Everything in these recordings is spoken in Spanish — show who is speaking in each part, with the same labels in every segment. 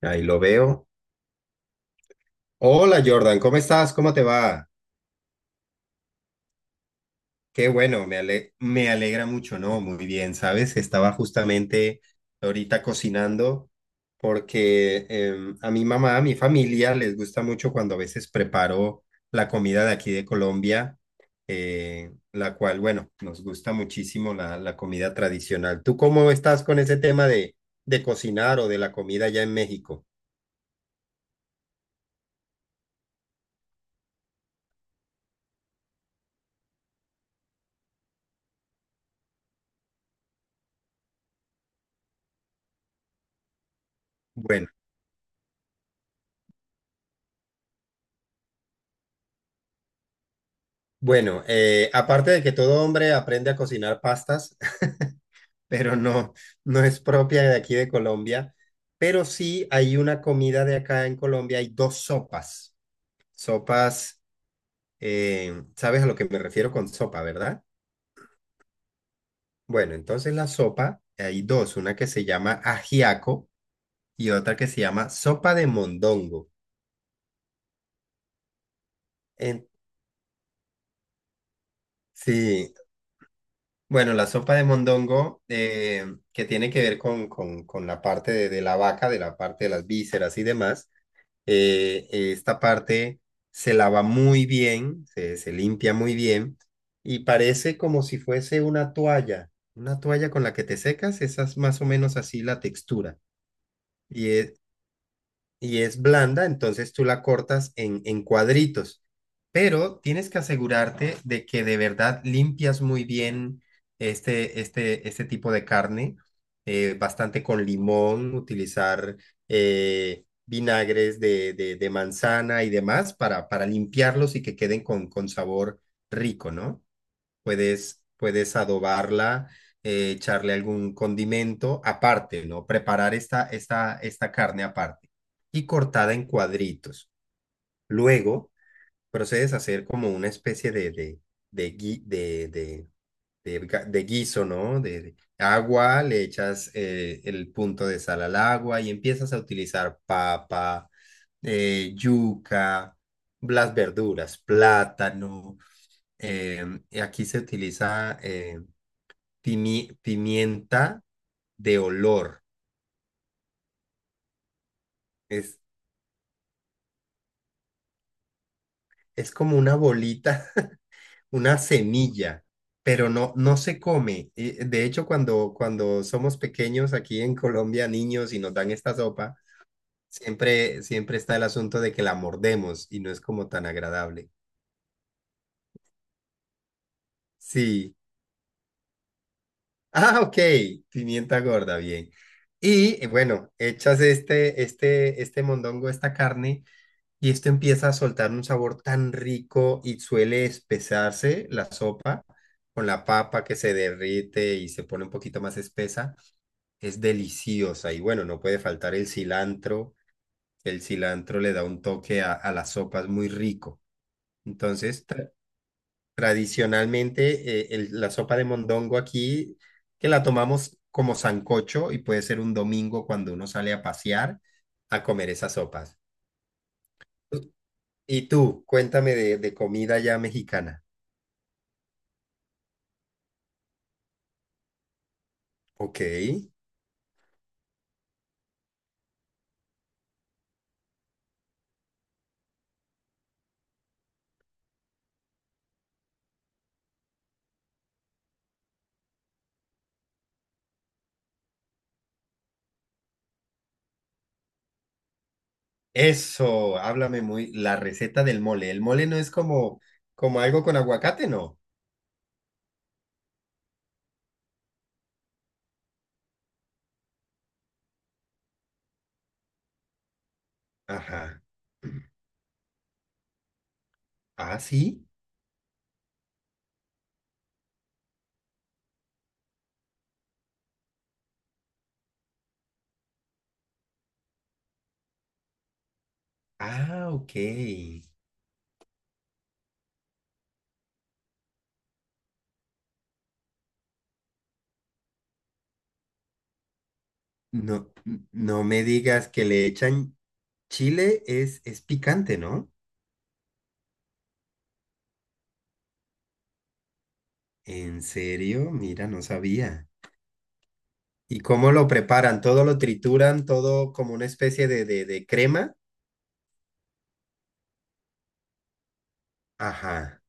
Speaker 1: Ahí lo veo. Hola Jordan, ¿cómo estás? ¿Cómo te va? Qué bueno, me alegra mucho, ¿no? Muy bien, ¿sabes? Estaba justamente ahorita cocinando porque a mi mamá, a mi familia les gusta mucho cuando a veces preparo la comida de aquí de Colombia, la cual, bueno, nos gusta muchísimo la comida tradicional. ¿Tú cómo estás con ese tema de cocinar o de la comida allá en México? Bueno. Bueno, aparte de que todo hombre aprende a cocinar pastas, pero no, no es propia de aquí de Colombia, pero sí hay una comida de acá en Colombia, hay dos sopas. Sopas, ¿sabes a lo que me refiero con sopa, verdad? Bueno, entonces la sopa, hay dos, una que se llama ajiaco y otra que se llama sopa de mondongo. En- sí. Bueno, la sopa de mondongo, que tiene que ver con la parte de la vaca, de la parte de las vísceras y demás, esta parte se lava muy bien, se limpia muy bien y parece como si fuese una toalla con la que te secas, esa es más o menos así la textura. Y es, y es blanda, entonces tú la cortas en cuadritos. Pero tienes que asegurarte de que de verdad limpias muy bien este tipo de carne, bastante con limón, utilizar vinagres de manzana y demás para limpiarlos y que queden con sabor rico, ¿no? Puedes, puedes adobarla, echarle algún condimento aparte, ¿no? Preparar esta carne aparte y cortada en cuadritos. Luego procedes a hacer como una especie de, de, de guiso, ¿no? De agua, le echas el punto de sal al agua y empiezas a utilizar papa, yuca, las verduras, plátano. Y aquí se utiliza pimienta de olor. Es, es como una bolita, una semilla, pero no, no se come. Y de hecho, cuando, cuando somos pequeños aquí en Colombia, niños, y nos dan esta sopa, siempre, siempre está el asunto de que la mordemos y no es como tan agradable. Sí. Ah, ok. Pimienta gorda, bien. Y bueno, echas este mondongo, esta carne. Y esto empieza a soltar un sabor tan rico y suele espesarse la sopa con la papa que se derrite y se pone un poquito más espesa. Es deliciosa y bueno, no puede faltar el cilantro. El cilantro le da un toque a las sopas muy rico. Entonces, tradicionalmente, la sopa de mondongo aquí, que la tomamos como sancocho y puede ser un domingo cuando uno sale a pasear a comer esas sopas. Y tú, cuéntame de comida ya mexicana. Ok. Eso, háblame muy. La receta del mole. El mole no es como, como algo con aguacate, ¿no? Ajá. Ah, sí. Ah, ok. No, no me digas que le echan chile, es picante, ¿no? En serio, mira, no sabía. ¿Y cómo lo preparan? ¿Todo lo trituran? ¿Todo como una especie de crema? Ajá,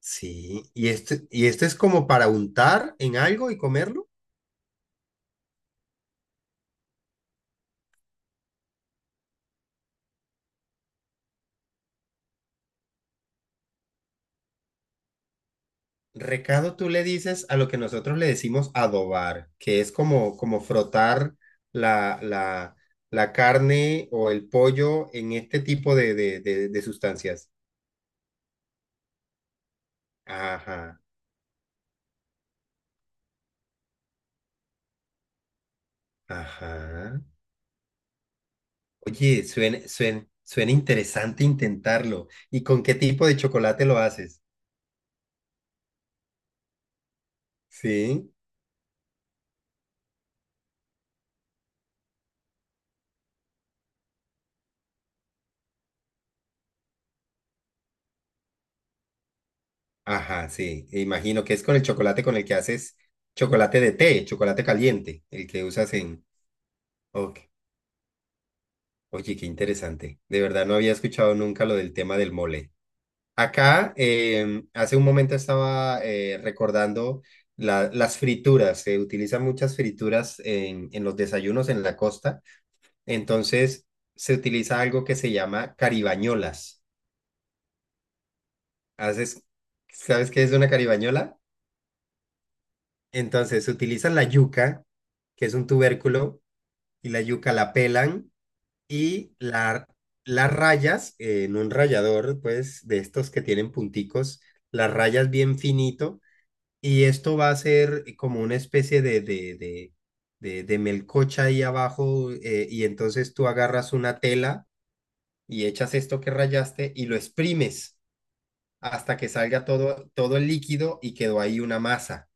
Speaker 1: sí. Y esto es como para untar en algo y comerlo? Recado tú le dices a lo que nosotros le decimos adobar, que es como, como frotar la, la, la carne o el pollo en este tipo de sustancias. Ajá, ajá. Oye, suena, suena, suena interesante intentarlo. ¿Y con qué tipo de chocolate lo haces? Sí. Ajá, sí. E imagino que es con el chocolate con el que haces chocolate de té, chocolate caliente, el que usas en... Ok. Oye, qué interesante. De verdad no había escuchado nunca lo del tema del mole. Acá, hace un momento estaba recordando las frituras. Se utilizan muchas frituras en los desayunos en la costa. Entonces, se utiliza algo que se llama caribañolas. ¿Haces, sabes qué es una caribañola? Entonces, se utilizan la yuca, que es un tubérculo, y la yuca la pelan. Y la- las rayas en un rallador, pues de estos que tienen punticos, las rayas bien finito. Y esto va a ser como una especie de melcocha ahí abajo. Y entonces tú agarras una tela y echas esto que rayaste y lo exprimes hasta que salga todo, todo el líquido y quedó ahí una masa.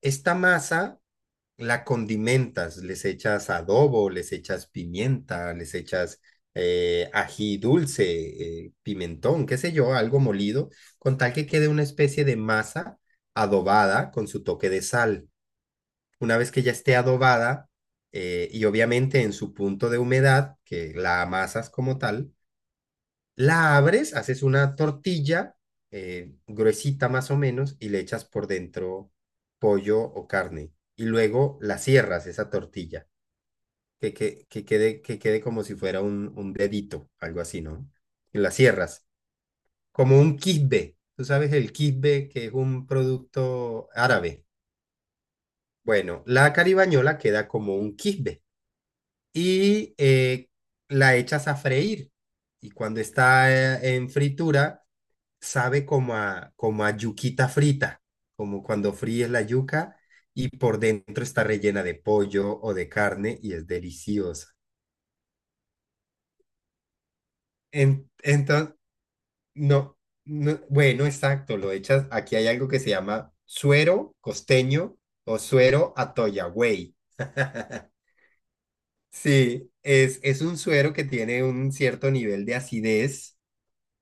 Speaker 1: Esta masa la condimentas, les echas adobo, les echas pimienta, les echas ají dulce, pimentón, qué sé yo, algo molido, con tal que quede una especie de masa adobada con su toque de sal. Una vez que ya esté adobada y obviamente en su punto de humedad, que la amasas como tal, la abres, haces una tortilla gruesita más o menos y le echas por dentro pollo o carne. Y luego la cierras, esa tortilla, que quede como si fuera un dedito, algo así, ¿no? Y la cierras, como un quisbe. Tú sabes el quisbe, que es un producto árabe. Bueno, la caribañola queda como un quisbe. Y la echas a freír. Y cuando está en fritura sabe como a, como a yuquita frita, como cuando fríes la yuca y por dentro está rellena de pollo o de carne y es deliciosa. Entonces, no, no, bueno, exacto, lo echas, aquí hay algo que se llama suero costeño o suero atoyagüey. Sí, es un suero que tiene un cierto nivel de acidez,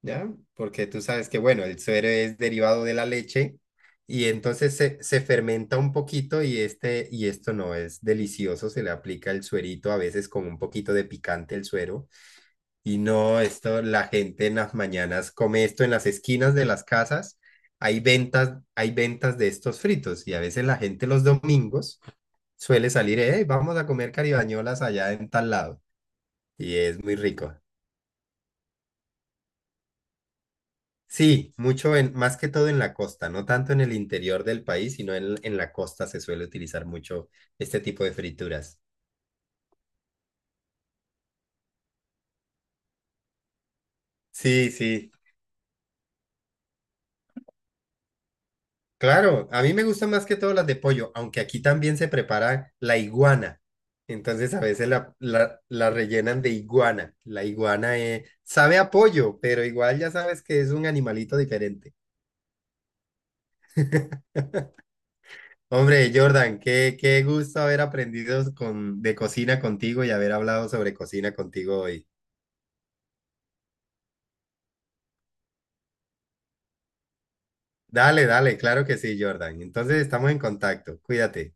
Speaker 1: ¿ya? Porque tú sabes que, bueno, el suero es derivado de la leche y entonces se fermenta un poquito y, este, y esto no es delicioso, se le aplica el suerito a veces con un poquito de picante el suero y no, esto la gente en las mañanas come esto en las esquinas de las casas. Hay ventas de estos fritos y a veces la gente los domingos suele salir, hey, vamos a comer caribañolas allá en tal lado y es muy rico. Sí, mucho en, más que todo en la costa, no tanto en el interior del país, sino en la costa se suele utilizar mucho este tipo de frituras. Sí, sí, claro, a mí me gustan más que todo las de pollo, aunque aquí también se prepara la iguana. Entonces a veces la, la, la rellenan de iguana. La iguana sabe a pollo, pero igual ya sabes que es un animalito diferente. Hombre, Jordan, qué, qué gusto haber aprendido con, de cocina contigo y haber hablado sobre cocina contigo hoy. Dale, dale, claro que sí, Jordan. Entonces estamos en contacto. Cuídate.